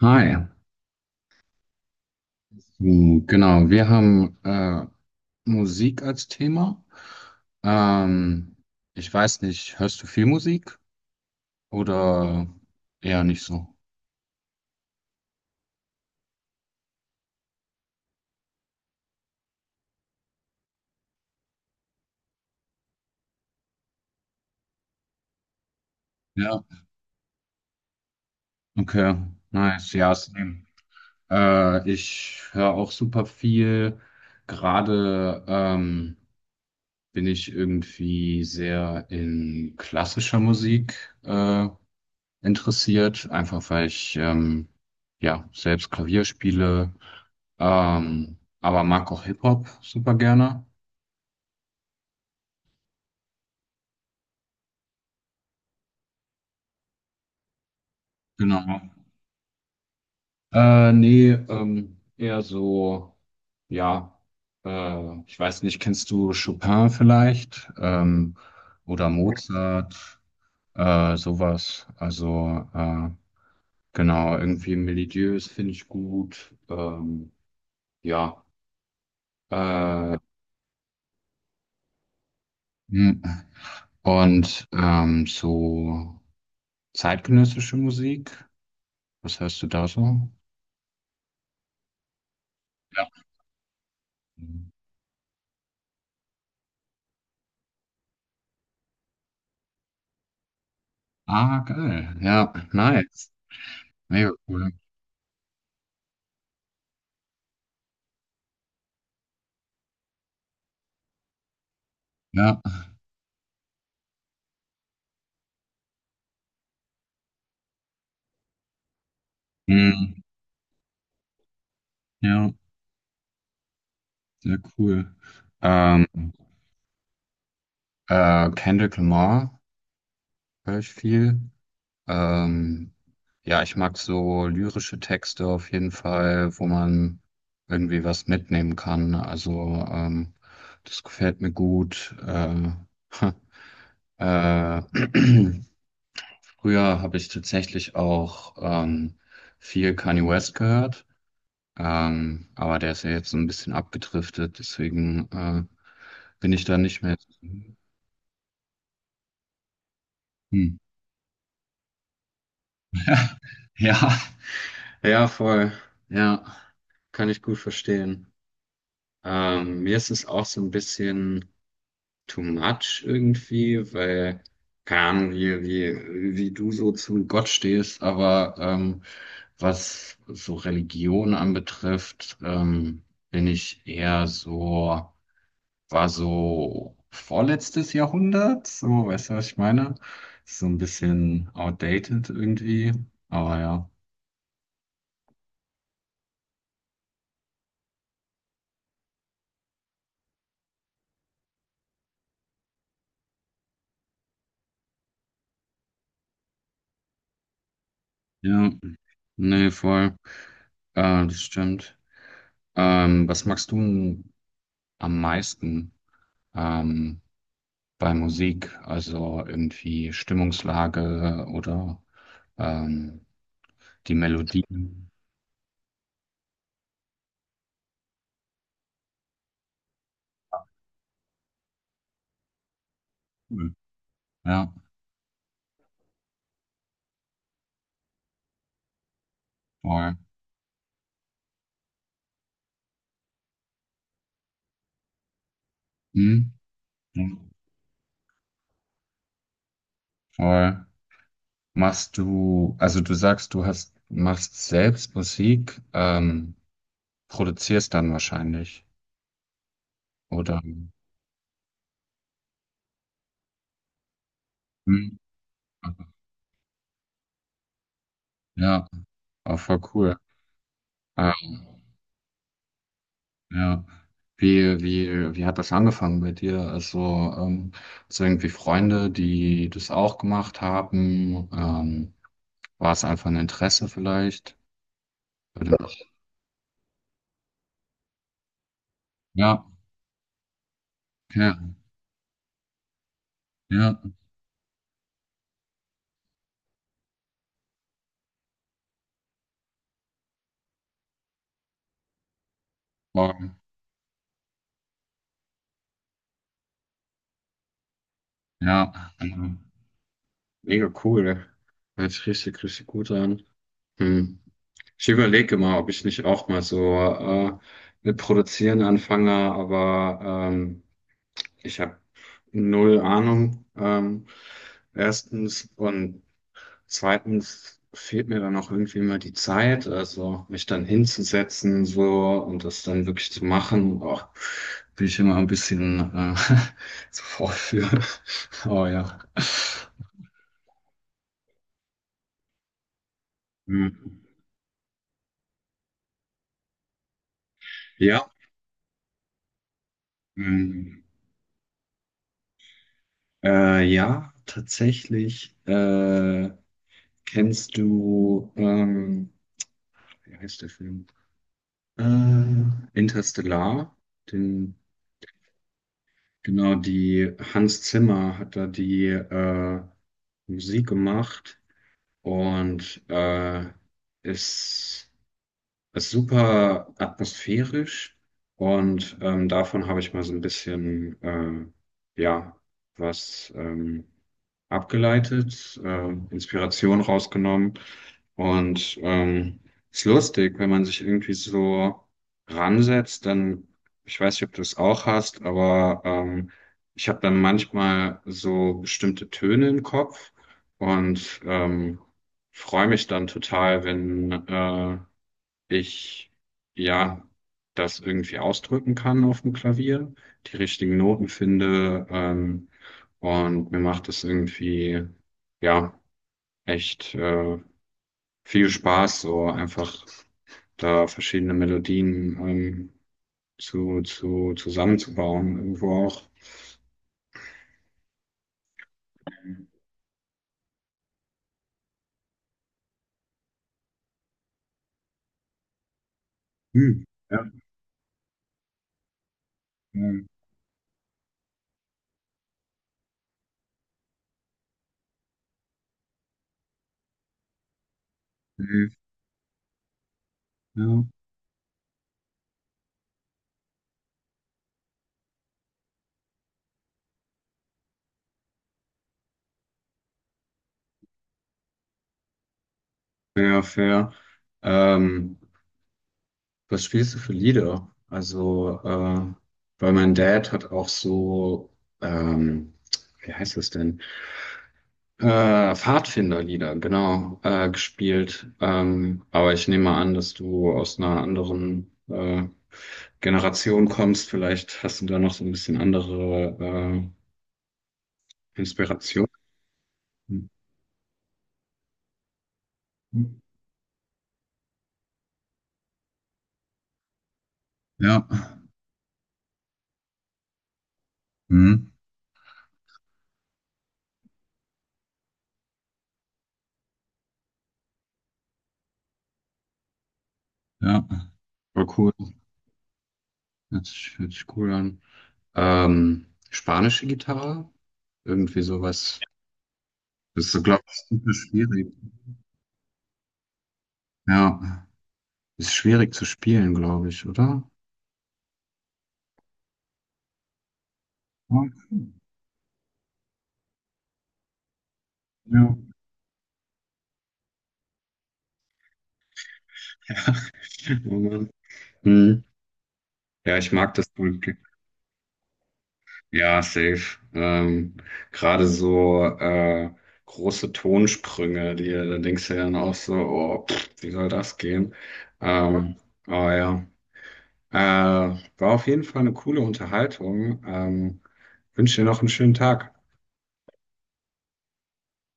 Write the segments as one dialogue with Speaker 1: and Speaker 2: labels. Speaker 1: Hi. Genau, wir haben Musik als Thema. Ähm, ich weiß nicht, hörst du viel Musik oder eher nicht so? Ja, okay, nice, ja, same. Ich höre auch super viel. Gerade bin ich irgendwie sehr in klassischer Musik interessiert, einfach weil ich ja selbst Klavier spiele. Aber mag auch Hip-Hop super gerne. Genau. Nee, eher so, ja, ich weiß nicht, kennst du Chopin vielleicht? Oder Mozart, sowas. Also, genau, irgendwie melodiös finde ich gut. Ja. Äh, hm. Und so zeitgenössische Musik, was hörst du da so? Ja. Ah, geil. Ja, nice. Mega cool. Ja, hm, ja, sehr cool. Ähm, Kendrick Lamar höre ich viel. Ähm, ja, ich mag so lyrische Texte auf jeden Fall, wo man irgendwie was mitnehmen kann. Also, das gefällt mir gut. Äh, früher habe ich tatsächlich auch viel Kanye West gehört. Aber der ist ja jetzt so ein bisschen abgedriftet, deswegen bin ich da nicht mehr. Hm. Ja, ja, voll. Ja, kann ich gut verstehen. Mir ist es auch so ein bisschen too much irgendwie, weil, keine Ahnung, wie du so zu Gott stehst, aber was so Religion anbetrifft, bin ich eher so. War so vorletztes Jahrhundert, so, weißt du, was ich meine? Ist so ein bisschen outdated irgendwie, aber ja. Ja, nee, voll. Das stimmt. Was magst du denn am meisten ähm, bei Musik? Also irgendwie Stimmungslage oder ähm, die Melodie? Cool. Ja, voll. Hm? Ja, voll. Also du sagst, machst selbst Musik, produzierst dann wahrscheinlich, oder? Hm, ja, auch voll cool. Ähm, ja. Wie hat das angefangen bei dir? Also, so irgendwie Freunde, die das auch gemacht haben? War es einfach ein Interesse vielleicht? Oder? Ja, ja, okay. Ja, wow, ja, mega cool. Hört sich richtig, richtig gut an. Hm. Ich überlege mal, ob ich nicht auch mal so mit Produzieren anfange, aber ich habe null Ahnung. Erstens und zweitens fehlt mir dann auch irgendwie mal die Zeit, also mich dann hinzusetzen so und das dann wirklich zu machen. Boah, bin ich immer ein bisschen zu faul für. Oh ja. Hm. Ja. Hm. Ja, tatsächlich. Kennst du, wie heißt der Film? Äh, Interstellar. Den, genau, die Hans Zimmer hat da die Musik gemacht und ist, ist super atmosphärisch. Und davon habe ich mal so ein bisschen, ja, was. Abgeleitet, Inspiration rausgenommen. Und ist lustig, wenn man sich irgendwie so ransetzt, dann, ich weiß nicht, ob du es auch hast, aber ich habe dann manchmal so bestimmte Töne im Kopf und freue mich dann total, wenn ich ja das irgendwie ausdrücken kann auf dem Klavier, die richtigen Noten finde. Und mir macht es irgendwie, ja, echt viel Spaß, so einfach da verschiedene Melodien zusammenzubauen, irgendwo auch. Hm. Ja, ähm, hm, ja, fair, fair. Ähm, was spielst du für Lieder? Also, weil mein Dad hat auch so, ähm, wie heißt das denn? Pfadfinderlieder, genau, gespielt. Aber ich nehme an, dass du aus einer anderen Generation kommst. Vielleicht hast du da noch so ein bisschen andere Inspiration. Ja, mhm. Ja, war cool. Hört sich cool an. Spanische Gitarre, irgendwie sowas. Das ist, glaube ich, super schwierig. Ja, ist schwierig zu spielen, glaube ich, oder? Ja. Ja. Hm. Ja, ich mag das Pulp. Ja, safe. Gerade so große Tonsprünge, die da denkst du ja dann auch so, oh, pff, wie soll das gehen? Ähm, aber ja, war auf jeden Fall eine coole Unterhaltung. Wünsche dir noch einen schönen Tag.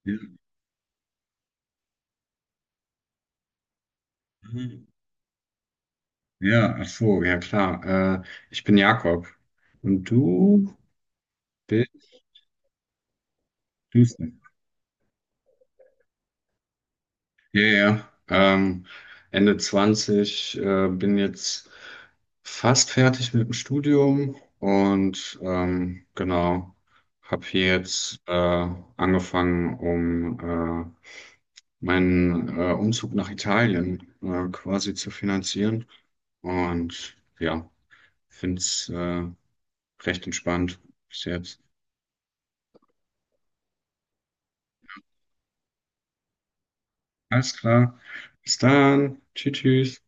Speaker 1: Ja, mhm. Ja, ach so, ja klar. Ich bin Jakob und du. Ja, ja. Ende 20 bin jetzt fast fertig mit dem Studium und genau, habe hier jetzt angefangen, um meinen Umzug nach Italien quasi zu finanzieren. Und ja, finde es recht entspannt bis jetzt. Alles klar. Bis dann. Tschüss, tschüss.